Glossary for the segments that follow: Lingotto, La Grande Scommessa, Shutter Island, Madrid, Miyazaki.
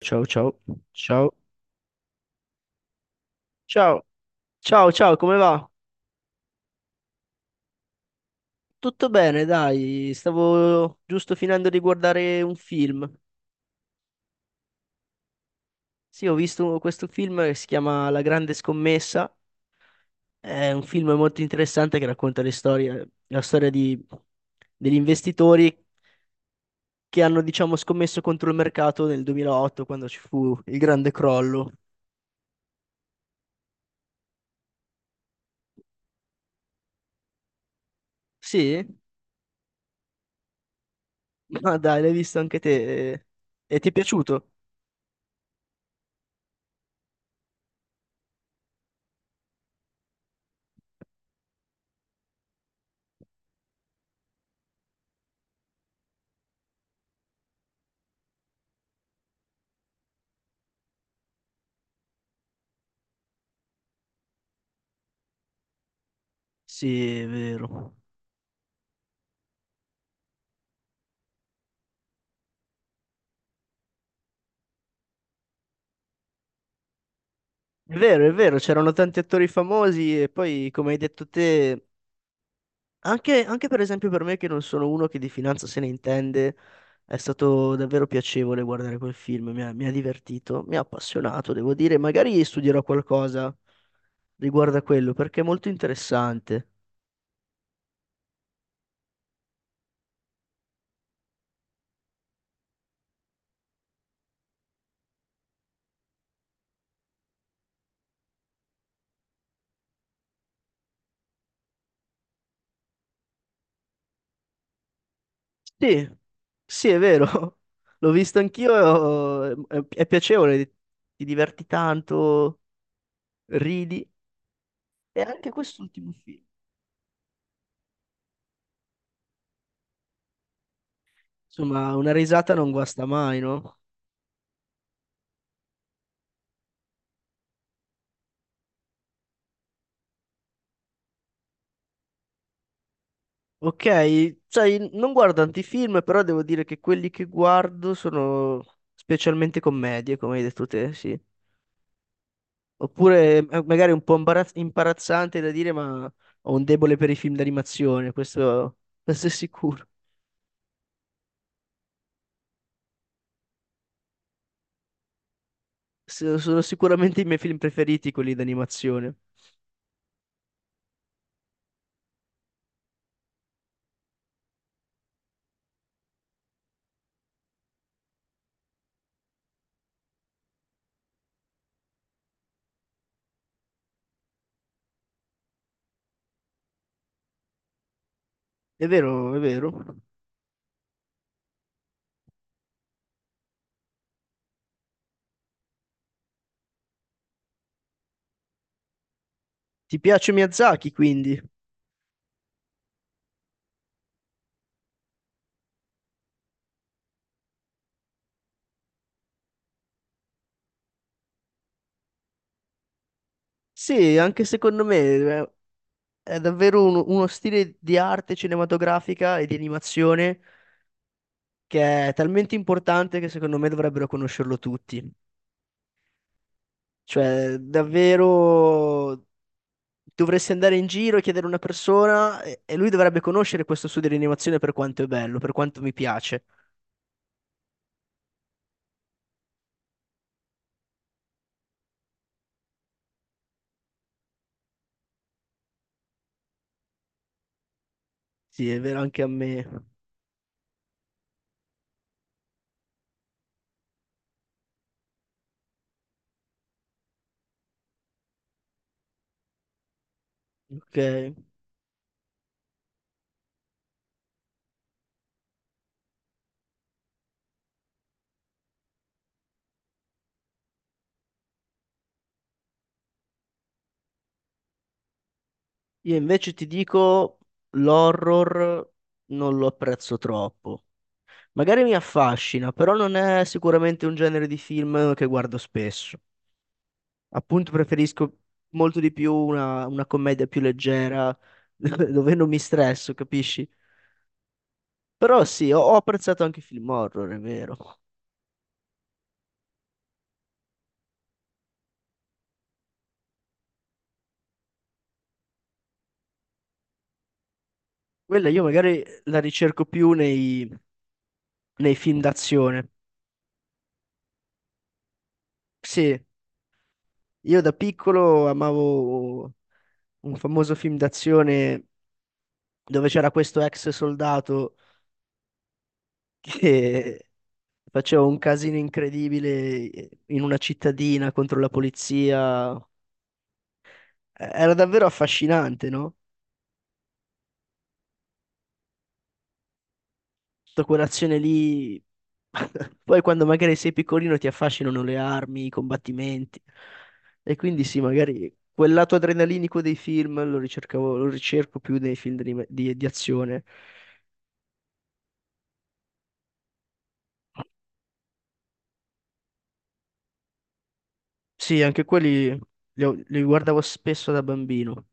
Ciao ciao, ciao, ciao, ciao, ciao, come va? Tutto bene, dai, stavo giusto finendo di guardare un film. Sì, ho visto questo film che si chiama La Grande Scommessa, è un film molto interessante che racconta la storia degli investitori che hanno, diciamo, scommesso contro il mercato nel 2008 quando ci fu il grande crollo. Sì? Ma dai, l'hai visto anche te e ti è piaciuto? Sì, è vero. È vero, è vero, c'erano tanti attori famosi e poi, come hai detto te, anche per esempio per me che non sono uno che di finanza se ne intende, è stato davvero piacevole guardare quel film, mi ha divertito, mi ha appassionato, devo dire, magari studierò qualcosa riguardo a quello perché è molto interessante. Sì, sì, è vero, l'ho visto anch'io, è piacevole, ti diverti tanto, ridi, e anche quest'ultimo film. Insomma, una risata non guasta mai, no? Ok, sai, non guardo tanti film, però devo dire che quelli che guardo sono specialmente commedie, come hai detto te, sì. Oppure magari un po' imbarazzante da dire, ma ho un debole per i film d'animazione, questo è sicuro. Sono sicuramente i miei film preferiti, quelli d'animazione. È vero, è vero. Ti piace Miyazaki, quindi? Sì, anche secondo me. È davvero uno stile di arte cinematografica e di animazione che è talmente importante che secondo me dovrebbero conoscerlo tutti. Cioè, davvero dovresti andare in giro e chiedere a una persona e lui dovrebbe conoscere questo studio di animazione per quanto è bello, per quanto mi piace. Sì, è vero anche a me. Ok. Io invece ti dico l'horror non lo apprezzo troppo. Magari mi affascina, però non è sicuramente un genere di film che guardo spesso. Appunto, preferisco molto di più una commedia più leggera, dove non mi stresso, capisci? Però sì, ho apprezzato anche i film horror, è vero. Quella io magari la ricerco più nei film d'azione. Sì, io da piccolo amavo un famoso film d'azione dove c'era questo ex soldato che faceva un casino incredibile in una cittadina contro la polizia. Era davvero affascinante, no? Sta colazione lì. Poi quando magari sei piccolino ti affascinano le armi, i combattimenti. E quindi sì, magari quel lato adrenalinico dei film lo ricercavo, lo ricerco più nei film di azione. Sì, anche quelli li guardavo spesso da bambino.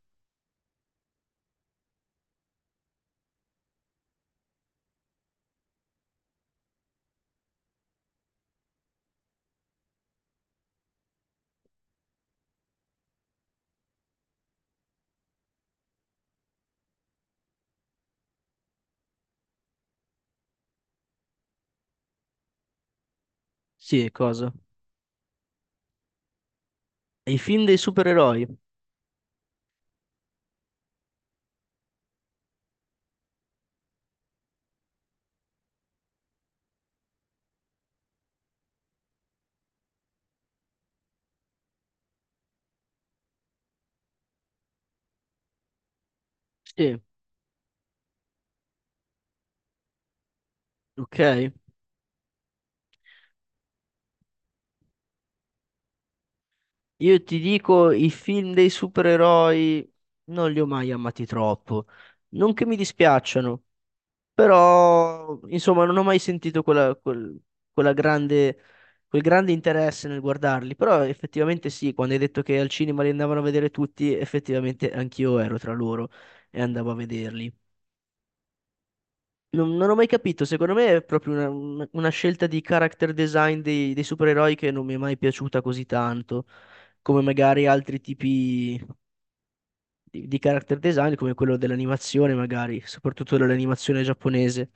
Sì, cosa? I film dei supereroi. Sì, ok. Io ti dico, i film dei supereroi non li ho mai amati troppo. Non che mi dispiacciano. Però, insomma, non ho mai sentito quella, quel, quella grande, quel grande interesse nel guardarli. Però effettivamente sì, quando hai detto che al cinema li andavano a vedere tutti, effettivamente anch'io ero tra loro e andavo a vederli. Non ho mai capito, secondo me è proprio una scelta di character design dei supereroi che non mi è mai piaciuta così tanto, come magari altri tipi di character design, come quello dell'animazione, magari, soprattutto dell'animazione giapponese.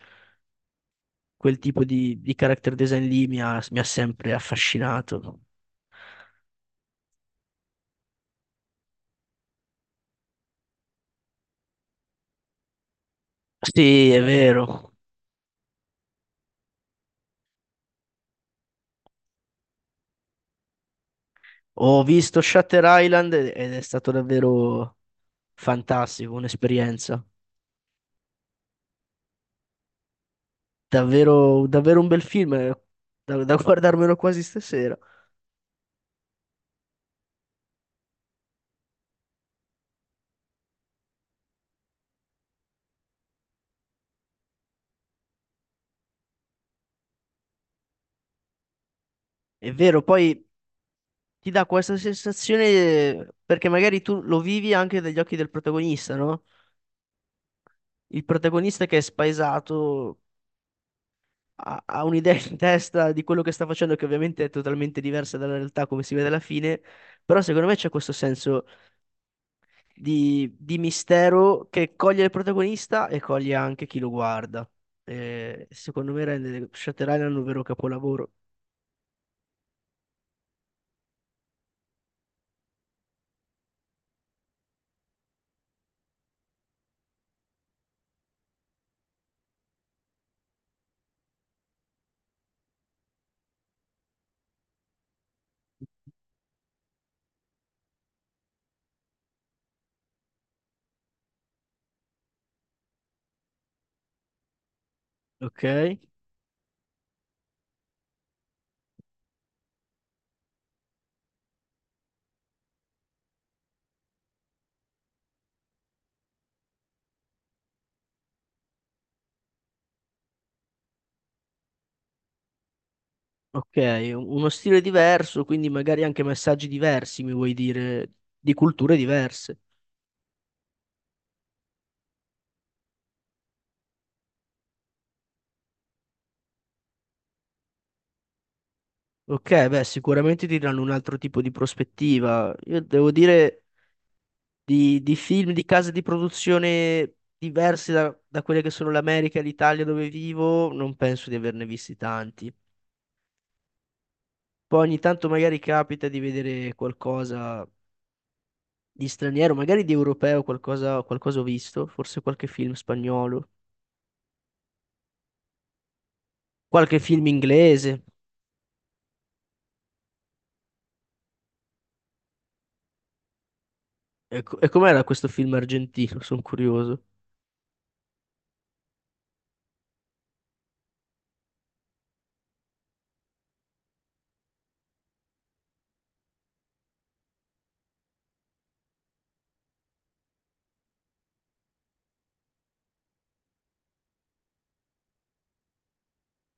Quel tipo di character design lì mi ha sempre affascinato. Sì, è vero. Ho visto Shutter Island ed è stato davvero fantastico, un'esperienza. Davvero, davvero un bel film, da guardarmelo quasi stasera. È vero, poi ti dà questa sensazione, perché magari tu lo vivi anche dagli occhi del protagonista, no? Il protagonista che è spaesato ha un'idea in testa di quello che sta facendo, che ovviamente è totalmente diversa dalla realtà, come si vede alla fine. Però secondo me c'è questo senso di mistero che coglie il protagonista e coglie anche chi lo guarda. E secondo me rende Shutter Island un vero capolavoro. Ok? Ok, uno stile diverso, quindi magari anche messaggi diversi, mi vuoi dire, di culture diverse. Ok, beh, sicuramente ti danno un altro tipo di prospettiva. Io devo dire, di film, di case di produzione diverse da quelle che sono l'America e l'Italia dove vivo, non penso di averne visti tanti. Poi ogni tanto magari capita di vedere qualcosa di straniero, magari di europeo, qualcosa ho visto, forse qualche film spagnolo, qualche film inglese. E com'era questo film argentino? Sono curioso.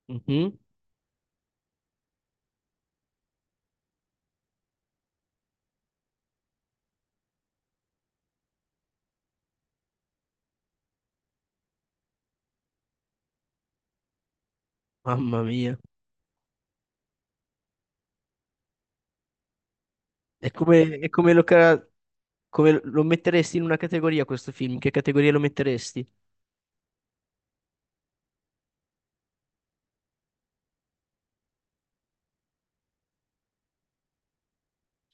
Mhm. Mamma mia. E come lo metteresti in una categoria questo film? In che categoria lo metteresti?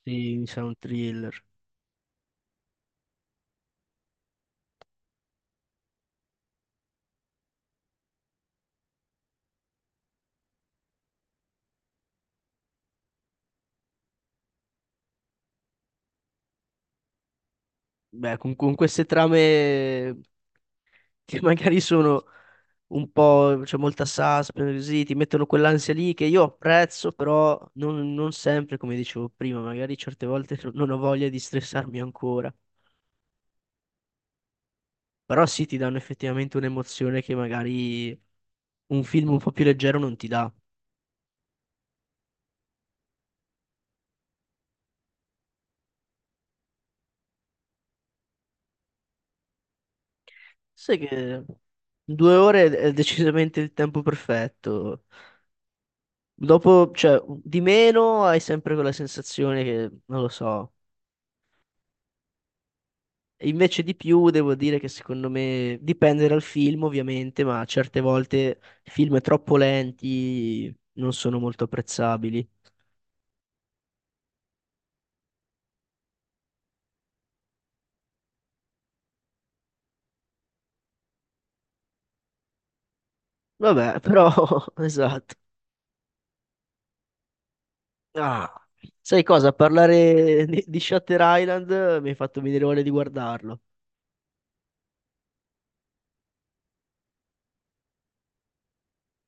Sì, mi sa un thriller. Beh, con queste trame che magari sono un po', c'è molta suspense, così, ti mettono quell'ansia lì che io apprezzo, però non sempre, come dicevo prima, magari certe volte non ho voglia di stressarmi ancora. Però sì, ti danno effettivamente un'emozione che magari un film un po' più leggero non ti dà. Sai che 2 ore è decisamente il tempo perfetto. Dopo, cioè, di meno hai sempre quella sensazione che, non lo so. Invece di più devo dire che secondo me dipende dal film ovviamente, ma certe volte film troppo lenti non sono molto apprezzabili. Vabbè, però esatto. Ah, sai cosa? Parlare di Shutter Island mi hai fatto venire voglia di guardarlo.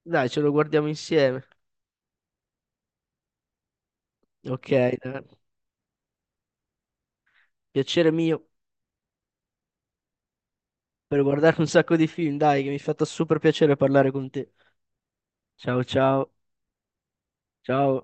Dai, ce lo guardiamo insieme. Ok, piacere mio per guardare un sacco di film, dai, che mi è fatto super piacere parlare con te. Ciao ciao, ciao.